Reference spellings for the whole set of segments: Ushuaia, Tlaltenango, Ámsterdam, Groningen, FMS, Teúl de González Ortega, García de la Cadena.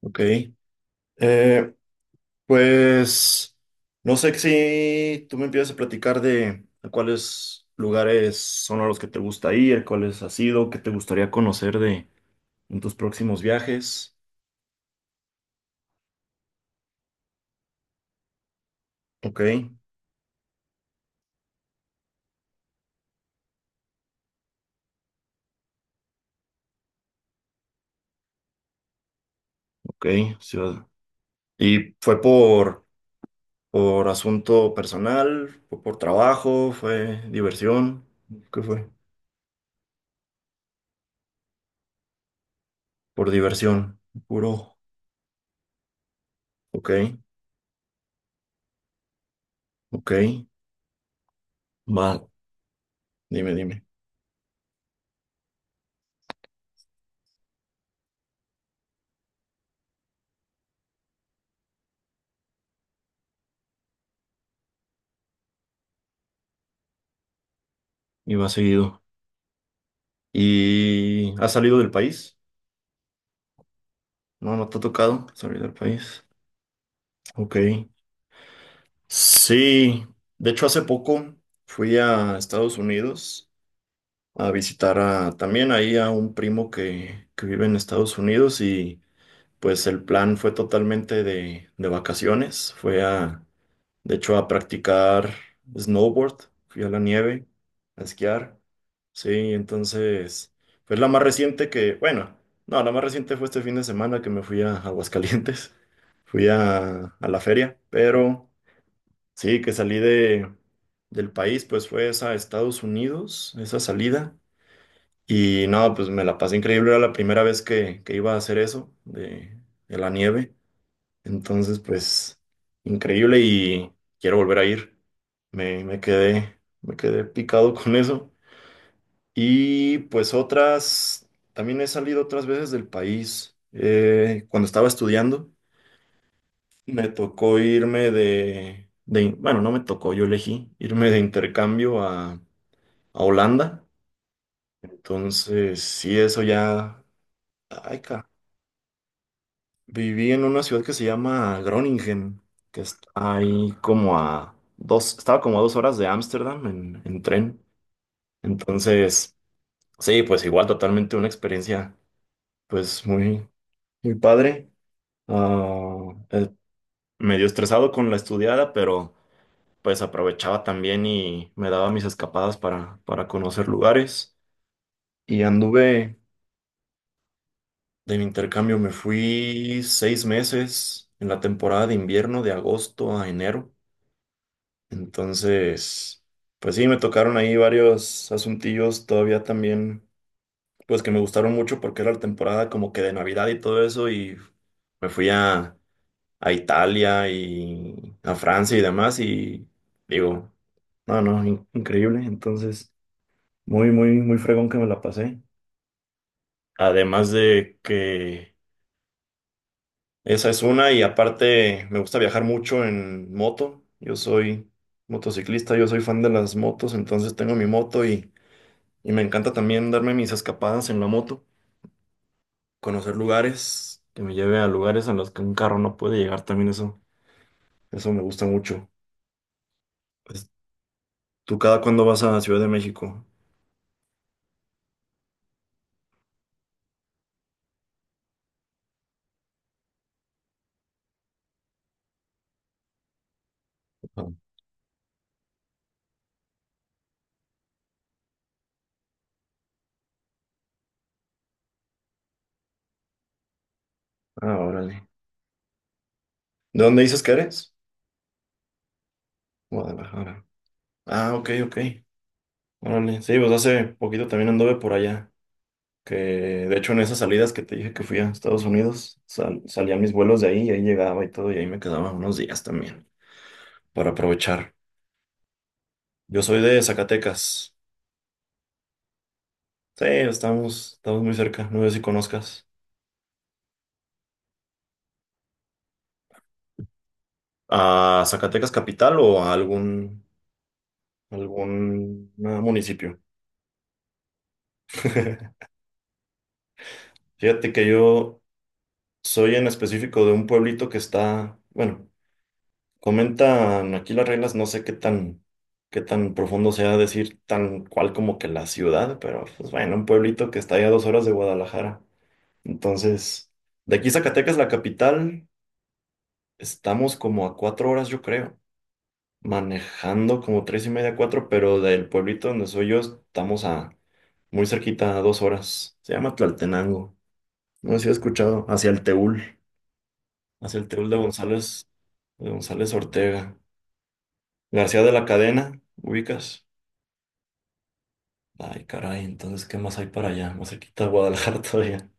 Ok. Eh, pues no sé si tú me empiezas a platicar de a cuáles lugares son a los que te gusta ir, cuáles has ido, qué te gustaría conocer de en tus próximos viajes. Ok, ok. ciudad- ¿Y fue por asunto personal, fue por trabajo, fue diversión? ¿Qué fue? Por diversión, puro. Ok, ok. Va, dime, dime. Y va seguido. ¿Y has salido del país? No, no te ha tocado salir del país. Ok. Sí, de hecho hace poco fui a Estados Unidos a visitar a, también ahí a un primo que vive en Estados Unidos y pues el plan fue totalmente de vacaciones. De hecho, a practicar snowboard, fui a la nieve, a esquiar. Sí, entonces, pues la más reciente que, bueno, no, la más reciente fue este fin de semana que me fui a Aguascalientes, fui a la feria, pero sí, que salí de, del país, pues fue esa a Estados Unidos, esa salida, y no, pues me la pasé increíble, era la primera vez que iba a hacer eso, de la nieve, entonces, pues, increíble y quiero volver a ir. Me quedé picado con eso. Y pues otras, también he salido otras veces del país. Cuando estaba estudiando, me tocó irme de, bueno, no me tocó, yo elegí irme de intercambio a Holanda. Entonces, sí, eso ya, ay, caramba. Viví en una ciudad que se llama Groningen, que está ahí estaba como a 2 horas de Ámsterdam en tren. Entonces, sí, pues igual totalmente una experiencia, pues muy, muy padre. Ah, eh, medio estresado con la estudiada, pero pues aprovechaba también y me daba mis escapadas para conocer lugares. Y anduve de mi intercambio, me fui 6 meses en la temporada de invierno, de agosto a enero. Entonces, pues sí, me tocaron ahí varios asuntillos todavía también, pues que me gustaron mucho porque era la temporada como que de Navidad y todo eso y me fui a Italia y a Francia y demás y digo, no, no, increíble. Entonces, muy, muy, muy fregón que me la pasé. Además de que esa es una y aparte me gusta viajar mucho en moto. Yo soy motociclista, yo soy fan de las motos, entonces tengo mi moto y... Y me encanta también darme mis escapadas en la moto, conocer lugares, que me lleve a lugares en los que un carro no puede llegar también eso. Eso me gusta mucho. Pues, ¿tú cada cuándo vas a Ciudad de México? Ah, ah, órale. ¿De dónde dices que eres? Guadalajara. Ah, ok, ok. Órale. Sí, pues hace poquito también anduve por allá. Que de hecho en esas salidas que te dije que fui a Estados Unidos, salían mis vuelos de ahí y ahí llegaba y todo, y ahí me quedaba unos días también para aprovechar. Yo soy de Zacatecas. Sí, estamos muy cerca, no sé si conozcas. ¿A Zacatecas capital o a algún municipio? Fíjate que yo soy en específico de un pueblito que está, bueno, comentan aquí las reglas, no sé qué tan profundo sea decir tan cual como que la ciudad, pero pues bueno, un pueblito que está ya a 2 horas de Guadalajara. Entonces, de aquí Zacatecas, la capital, estamos como a 4 horas, yo creo. Manejando como tres y media, cuatro, pero del pueblito donde soy yo estamos a muy cerquita, a 2 horas. Se llama Tlaltenango. No sé si has escuchado, hacia el Teúl de González, Ortega. García de la Cadena, ubicas. Ay, caray, entonces, ¿qué más hay para allá? Más cerquita de Guadalajara todavía.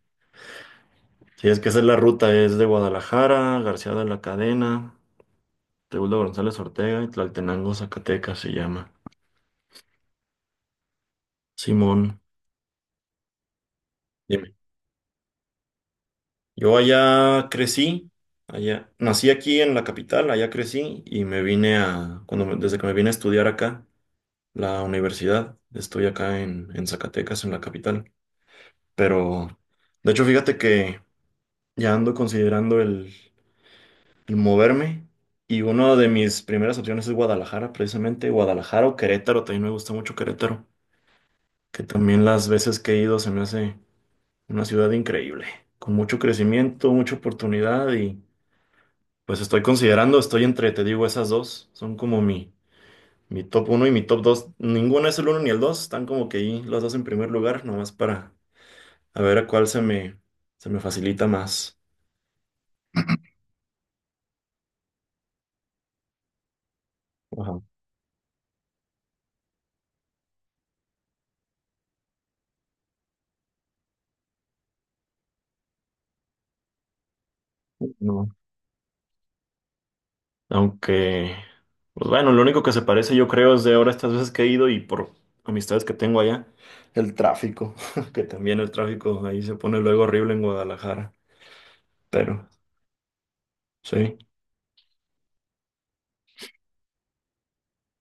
Sí, es que esa es la ruta, es de Guadalajara, García de la Cadena, Teúl de González Ortega y Tlaltenango, Zacatecas se llama. Simón. Dime. Yo allá crecí, allá nací aquí en la capital, allá crecí y me vine a, cuando desde que me vine a estudiar acá, la universidad, estoy acá en Zacatecas, en la capital. Pero, de hecho, fíjate que ya ando considerando el moverme y una de mis primeras opciones es Guadalajara, precisamente, Guadalajara o Querétaro, también me gusta mucho Querétaro, que también las veces que he ido se me hace una ciudad increíble, con mucho crecimiento, mucha oportunidad. Pues estoy considerando, estoy entre, te digo, esas dos. Son como mi top uno y mi top 2. Ninguno es el uno ni el 2. Están como que ahí los dos en primer lugar, nomás para a ver a cuál se me facilita más. Ajá. No. Aunque, pues bueno, lo único que se parece yo creo es de ahora estas veces que he ido y por amistades que tengo allá, el tráfico, que también el tráfico ahí se pone luego horrible en Guadalajara. Pero sí, sí,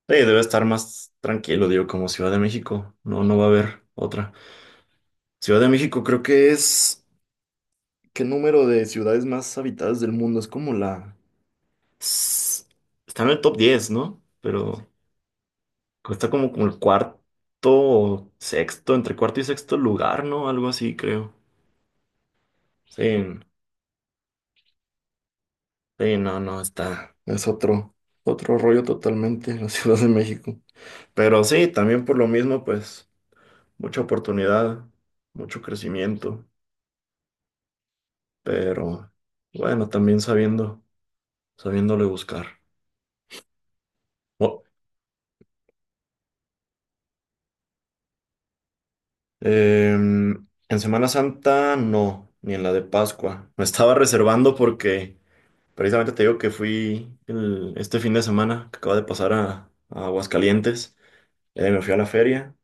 debe estar más tranquilo, digo, como Ciudad de México. No, no va a haber otra. Ciudad de México creo que es... ¿Qué número de ciudades más habitadas del mundo? Es como la... s- Está en el top diez, ¿no? Pero está como el cuarto o sexto, entre cuarto y sexto lugar, ¿no? Algo así, creo. Sí, sí, no, no, está. Es otro rollo totalmente la Ciudad de México. Pero sí, también por lo mismo, pues, mucha oportunidad, mucho crecimiento. Pero bueno, también sabiéndole buscar. En Semana Santa no, ni en la de Pascua. Me estaba reservando porque precisamente te digo que fui este fin de semana que acaba de pasar a Aguascalientes. Me fui a la feria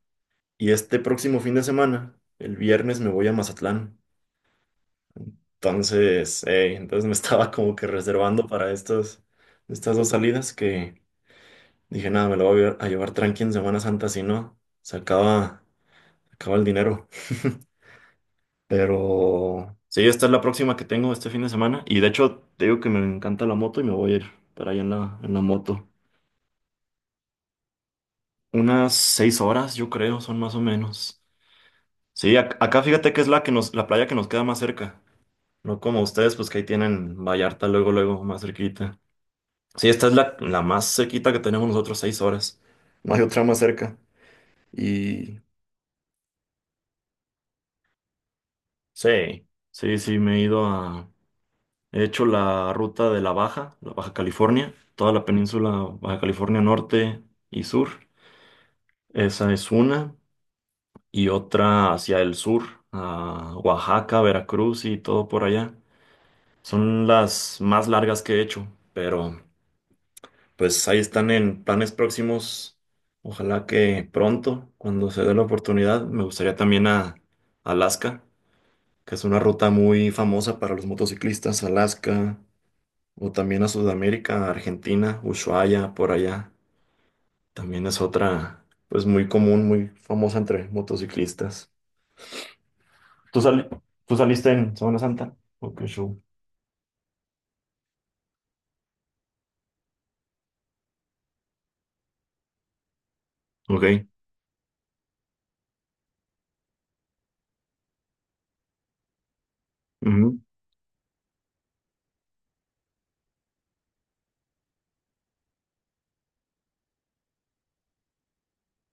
y este próximo fin de semana, el viernes, me voy a Mazatlán. Entonces, entonces me estaba como que reservando para estas dos salidas que dije, nada, me lo voy a llevar tranqui en Semana Santa, si no, se acaba el dinero. Pero sí, esta es la próxima que tengo este fin de semana. Y de hecho, te digo que me encanta la moto y me voy a ir para allá en la moto. Unas 6 horas, yo creo, son más o menos. Sí, acá fíjate que es la playa que nos queda más cerca. No como ustedes, pues que ahí tienen Vallarta luego, luego, más cerquita. Sí, esta es la más cerquita que tenemos nosotros, 6 horas. No hay otra más cerca. Y sí, sí, sí, me he ido a. He hecho la ruta de la Baja California, toda la península Baja California Norte y Sur. Esa es una. Y otra hacia el sur, a Oaxaca, Veracruz y todo por allá. Son las más largas que he hecho, pero pues ahí están en planes próximos. Ojalá que pronto, cuando se dé la oportunidad, me gustaría también a Alaska, que es una ruta muy famosa para los motociclistas. Alaska, o también a Sudamérica, Argentina, Ushuaia, por allá. También es otra, pues muy común, muy famosa entre motociclistas. ¿Tú, sali- Tú saliste en Semana Santa? Ok, show. Ok. Ujú.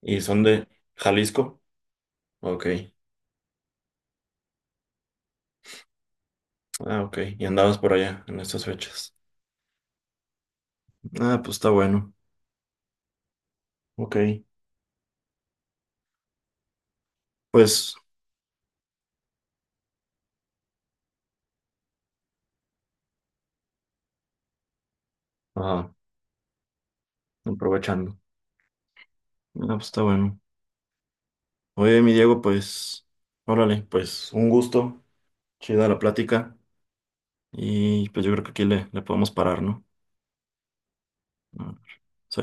¿Y son de Jalisco? Ok. Ah, ok. ¿Y andabas por allá en estas fechas? Ah, pues está bueno. Ok. Pues, ah, aprovechando. Ah, pues está bueno. Oye, mi Diego, pues, órale, pues un gusto. Chida la plática. Y pues yo creo que aquí le podemos parar, ¿no? A ver, sí.